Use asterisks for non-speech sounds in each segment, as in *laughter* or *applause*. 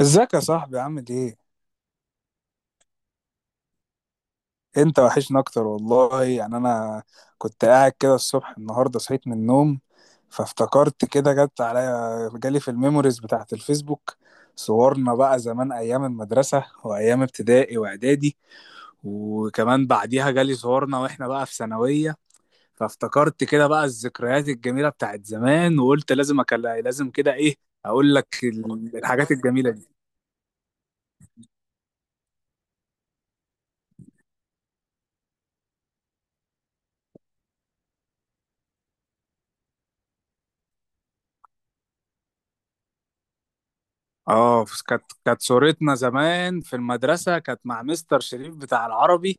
ازيك يا صاحبي، عامل ايه؟ انت وحشنا اكتر والله. يعني انا كنت قاعد كده الصبح النهارده، صحيت من النوم فافتكرت كده، جت عليا، جالي في الميموريز بتاعت الفيسبوك صورنا بقى زمان ايام المدرسة وايام ابتدائي واعدادي، وكمان بعديها جالي صورنا واحنا بقى في ثانوية. فافتكرت كده بقى الذكريات الجميلة بتاعت زمان، وقلت لازم اكلم، لازم كده ايه، اقول لك الحاجات الجميلة دي. اه، كانت صورتنا زمان في المدرسة كانت مع مستر شريف بتاع العربي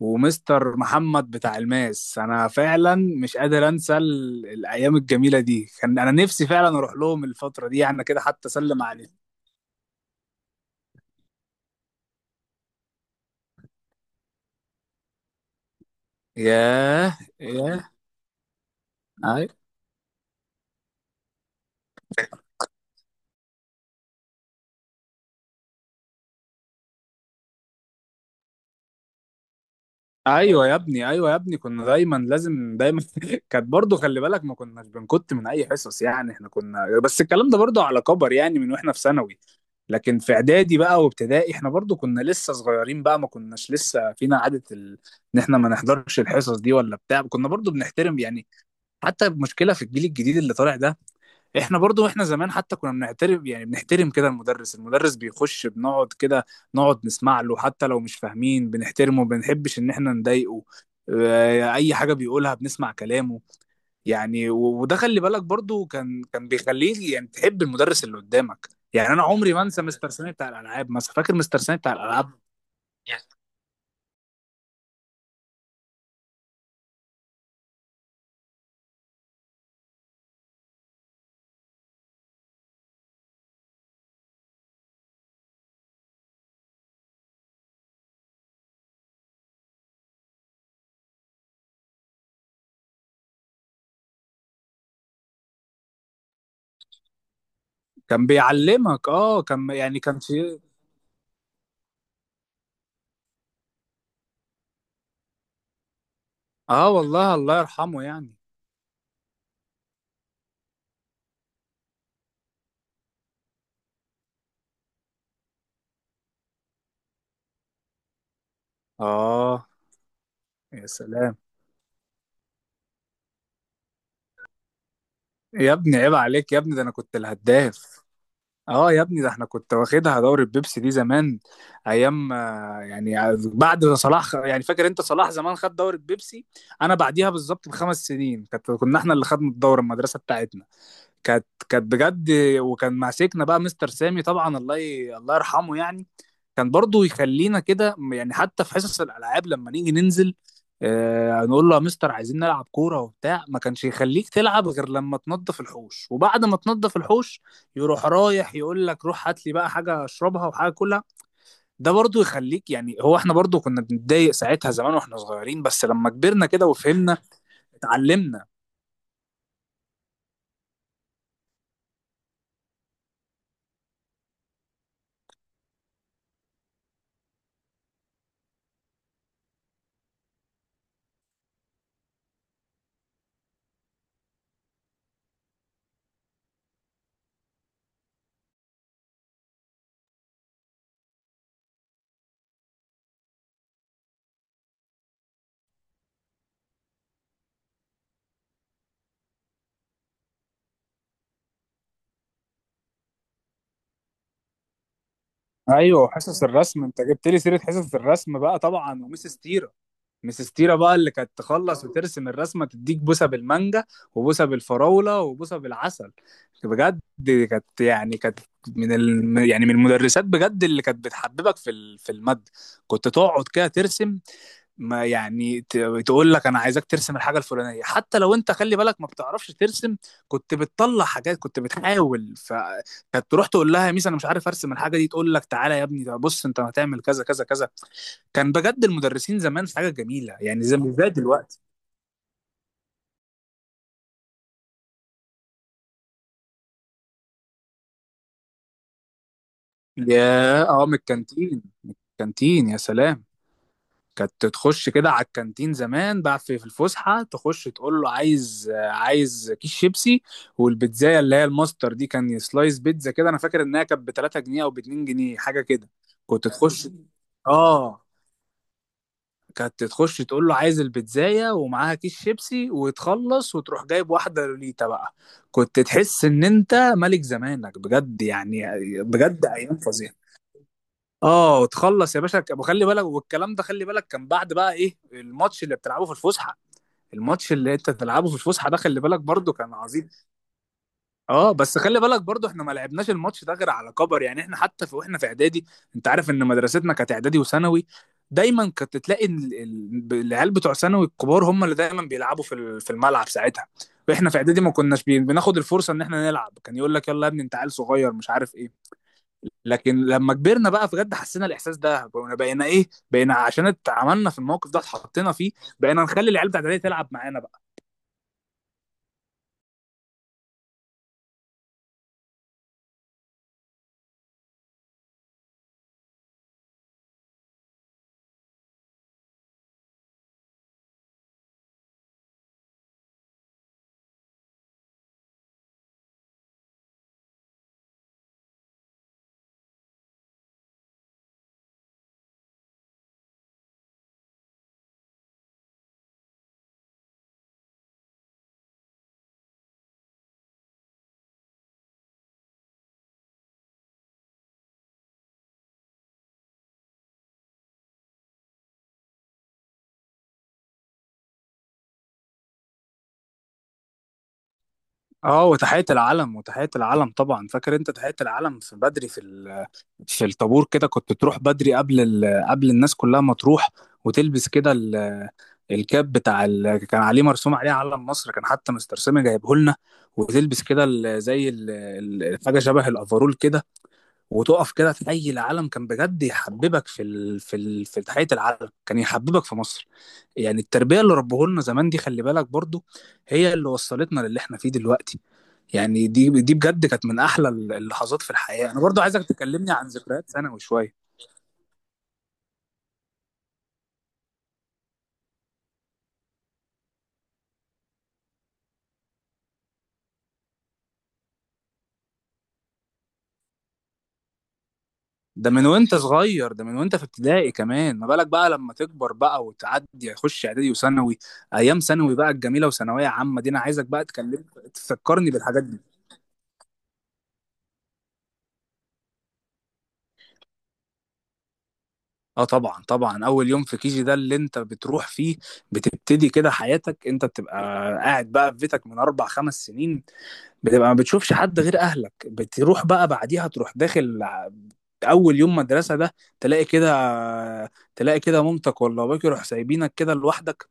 ومستر محمد بتاع الماس. انا فعلا مش قادر انسى الايام الجميلة دي، كان انا نفسي فعلا اروح لهم الفترة دي يعني كده، حتى اسلم عليهم. ياه ياه. أيوه. ايوه يا ابني، ايوه يا ابني، كنا دايما لازم دايما *laughs* كانت برضو. خلي بالك، ما كناش بنكت من اي حصص، يعني احنا كنا، بس الكلام ده برضو على كبر، يعني من واحنا في ثانوي. لكن في اعدادي بقى وابتدائي احنا برضو كنا لسه صغيرين بقى، ما كناش لسه فينا عادة ال... ان احنا ما نحضرش الحصص دي ولا بتاع، كنا برضو بنحترم يعني. حتى المشكلة في الجيل الجديد اللي طالع ده، احنا برضو، احنا زمان حتى كنا بنعترف يعني، بنحترم كده المدرس. المدرس بيخش بنقعد كده نقعد نسمع له، حتى لو مش فاهمين بنحترمه، بنحبش ان احنا نضايقه. اي حاجة بيقولها بنسمع كلامه. يعني وده، خلي بالك برضو، كان بيخليه يعني تحب المدرس اللي قدامك. يعني انا عمري ما انسى مستر سامي بتاع الالعاب مثلا، فاكر مستر سامي بتاع الالعاب؟ كان بيعلمك، اه، كان يعني كان شيء. اه والله، الله يرحمه يعني. اه. يا سلام. يا ابني عيب عليك يا ابني، ده انا كنت الهداف. اه يا ابني، ده احنا كنت واخدها دوري البيبسي دي زمان. ايام يعني بعد ما صلاح يعني فاكر انت صلاح زمان خد دوري البيبسي. انا بعديها بالظبط ب5 سنين، كانت كنا احنا اللي خدنا الدوري، المدرسه بتاعتنا كانت بجد. وكان ماسكنا بقى مستر سامي طبعا. الله الله يرحمه يعني. كان برضو يخلينا كده، يعني حتى في حصص الالعاب لما نيجي ننزل، آه نقول له يا مستر عايزين نلعب كوره وبتاع، ما كانش يخليك تلعب غير لما تنضف الحوش، وبعد ما تنضف الحوش، يروح رايح يقول لك روح هات لي بقى حاجه اشربها وحاجه كلها. ده برضو يخليك يعني، هو احنا برضو كنا بنتضايق ساعتها زمان واحنا صغيرين، بس لما كبرنا كده وفهمنا، اتعلمنا. ايوه، حصص الرسم، انت جبت لي سيره حصص الرسم بقى طبعا، وميس ستيره. ميس ستيره بقى اللي كانت تخلص وترسم الرسمه تديك بوسه بالمانجا وبوسه بالفراوله وبوسه بالعسل. بجد دي كانت يعني كانت من ال... يعني من المدرسات بجد اللي كانت بتحببك في ال... في الماده. كنت تقعد كده ترسم. ما يعني تقول لك انا عايزاك ترسم الحاجه الفلانيه، حتى لو انت، خلي بالك، ما بتعرفش ترسم. كنت بتطلع حاجات، كنت بتحاول، فكانت تروح تقول لها يا ميس انا مش عارف ارسم الحاجه دي، تقول لك تعالى يا ابني، ده بص انت هتعمل كذا كذا كذا. كان بجد المدرسين زمان حاجه جميله يعني، زي مش زي دلوقتي. يا اه، من الكانتين. كانتين، يا سلام. كانت تخش كده على الكانتين زمان بقى في الفسحه، تخش تقول له عايز، عايز كيس شيبسي. والبيتزايه اللي هي الماستر دي، كان سلايس بيتزا كده. انا فاكر انها كانت ب 3 جنيه او ب 2 جنيه، حاجه كده. كنت تخش، اه، كانت تخش تقول له عايز البيتزايه ومعاها كيس شيبسي، وتخلص وتروح جايب واحده لوليتا بقى. كنت تحس ان انت ملك زمانك بجد يعني. بجد، ايام فظيعه. اه، تخلص يا باشا، وخلي بالك، والكلام ده خلي بالك، كان بعد بقى ايه الماتش اللي بتلعبه في الفسحه. الماتش اللي انت بتلعبه في الفسحه ده، خلي بالك برضو، كان عظيم. اه، بس خلي بالك برضو احنا ما لعبناش الماتش ده غير على كبر. يعني احنا حتى في واحنا في اعدادي، انت عارف ان مدرستنا كانت اعدادي وثانوي، دايما كنت تلاقي العيال بتوع ثانوي الكبار هم اللي دايما بيلعبوا في في الملعب ساعتها. واحنا في اعدادي ما كناش بناخد الفرصه ان احنا نلعب، كان يقول لك يلا يا ابني انت عيل صغير مش عارف ايه. لكن لما كبرنا بقى بجد حسينا الاحساس ده، بقينا عشان اتعاملنا في الموقف ده، اتحطينا فيه، بقينا نخلي العيال بتاعت اعدادي تلعب معانا بقى. اه، وتحيه العلم طبعا، فاكر انت تحيه العلم في بدري في ال... في الطابور كده. كنت تروح بدري قبل ال... قبل الناس كلها ما تروح، وتلبس كده ال... الكاب بتاع ال... كان عليه مرسوم عليه علم مصر، كان حتى مستر سامي جايبه لنا. وتلبس كده ال... زي ال... حاجه شبه الافرول كده، وتقف كده تحيي العلم. كان بجد يحببك في ال... في ال... في تحية العلم، كان يحببك في مصر يعني. التربية اللي ربهولنا زمان دي، خلي بالك برضو، هي اللي وصلتنا للي احنا فيه دلوقتي. يعني دي بجد كانت من احلى اللحظات في الحياة. انا برضو عايزك تكلمني عن ذكريات ثانوي شوية. ده من وانت صغير، ده من وانت في ابتدائي، كمان ما بالك بقى لما تكبر بقى وتعدي تخش اعدادي وثانوي. ايام ثانوي بقى الجميلة وثانوية عامة دي انا عايزك بقى تكلم، تفكرني بالحاجات دي. اه طبعا، طبعا اول يوم في كيجي ده اللي انت بتروح فيه، بتبتدي كده حياتك. انت بتبقى قاعد بقى في بيتك من 4 5 سنين، بتبقى ما بتشوفش حد غير اهلك. بتروح بقى بعديها تروح داخل اول يوم مدرسة ده، تلاقي كده، تلاقي كده مامتك ولا باباك يروح سايبينك كده لوحدك.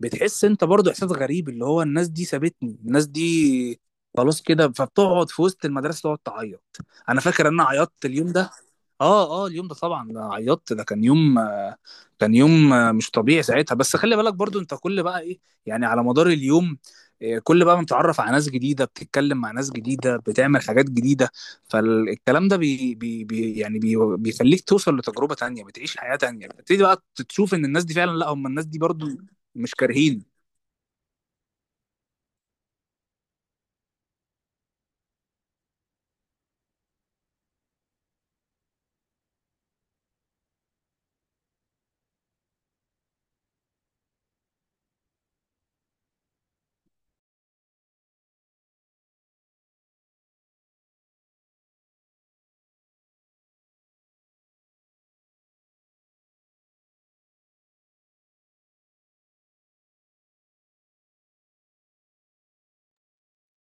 بتحس انت برضو احساس غريب اللي هو الناس دي سابتني، الناس دي خلاص كده. فبتقعد في وسط المدرسة تقعد تعيط. انا فاكر ان انا عيطت اليوم ده. اه اه، اليوم ده طبعا عيطت. ده كان يوم كان يوم مش طبيعي ساعتها. بس خلي بالك برضو، انت كل بقى ايه، يعني على مدار اليوم، كل بقى ما بتتعرف على ناس جديدة، بتتكلم مع ناس جديدة، بتعمل حاجات جديدة. فالكلام ده بي بي بي يعني بي بيخليك توصل لتجربة تانية، بتعيش حياة تانية، بتبتدي بقى تشوف ان الناس دي فعلا، لا، هم الناس دي برضو مش كارهين.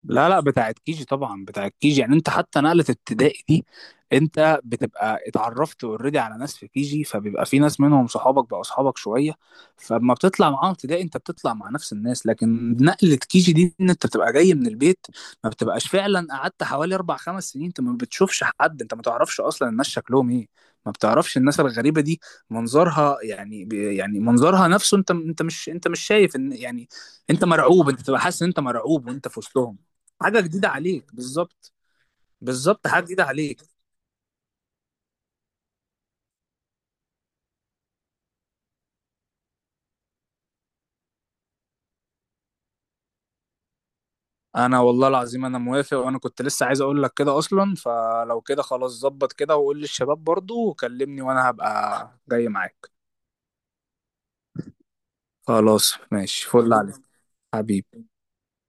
لا لا، بتاعت كيجي طبعا، بتاعت كيجي. يعني انت حتى نقلة ابتدائي دي انت بتبقى اتعرفت اوريدي على ناس في كيجي، فبيبقى في ناس منهم صحابك، بقوا صحابك شوية. فلما بتطلع معاهم ابتدائي انت بتطلع مع نفس الناس. لكن نقلة كيجي دي ان انت بتبقى جاي من البيت، ما بتبقاش، فعلا قعدت حوالي 4 5 سنين انت ما بتشوفش حد، انت ما تعرفش اصلا الناس شكلهم ايه. ما بتعرفش الناس الغريبة دي، منظرها يعني يعني منظرها نفسه. انت، انت مش شايف ان يعني، انت مرعوب. انت بتبقى حاسس ان انت مرعوب وانت في وسطهم. حاجه جديده عليك بالظبط. بالظبط، حاجه جديده عليك. انا والله العظيم انا موافق، وانا كنت لسه عايز اقول لك كده اصلا. فلو كده خلاص، ظبط كده وقول للشباب برضو وكلمني وانا هبقى جاي معاك. خلاص، ماشي، فل عليك. حبيبي.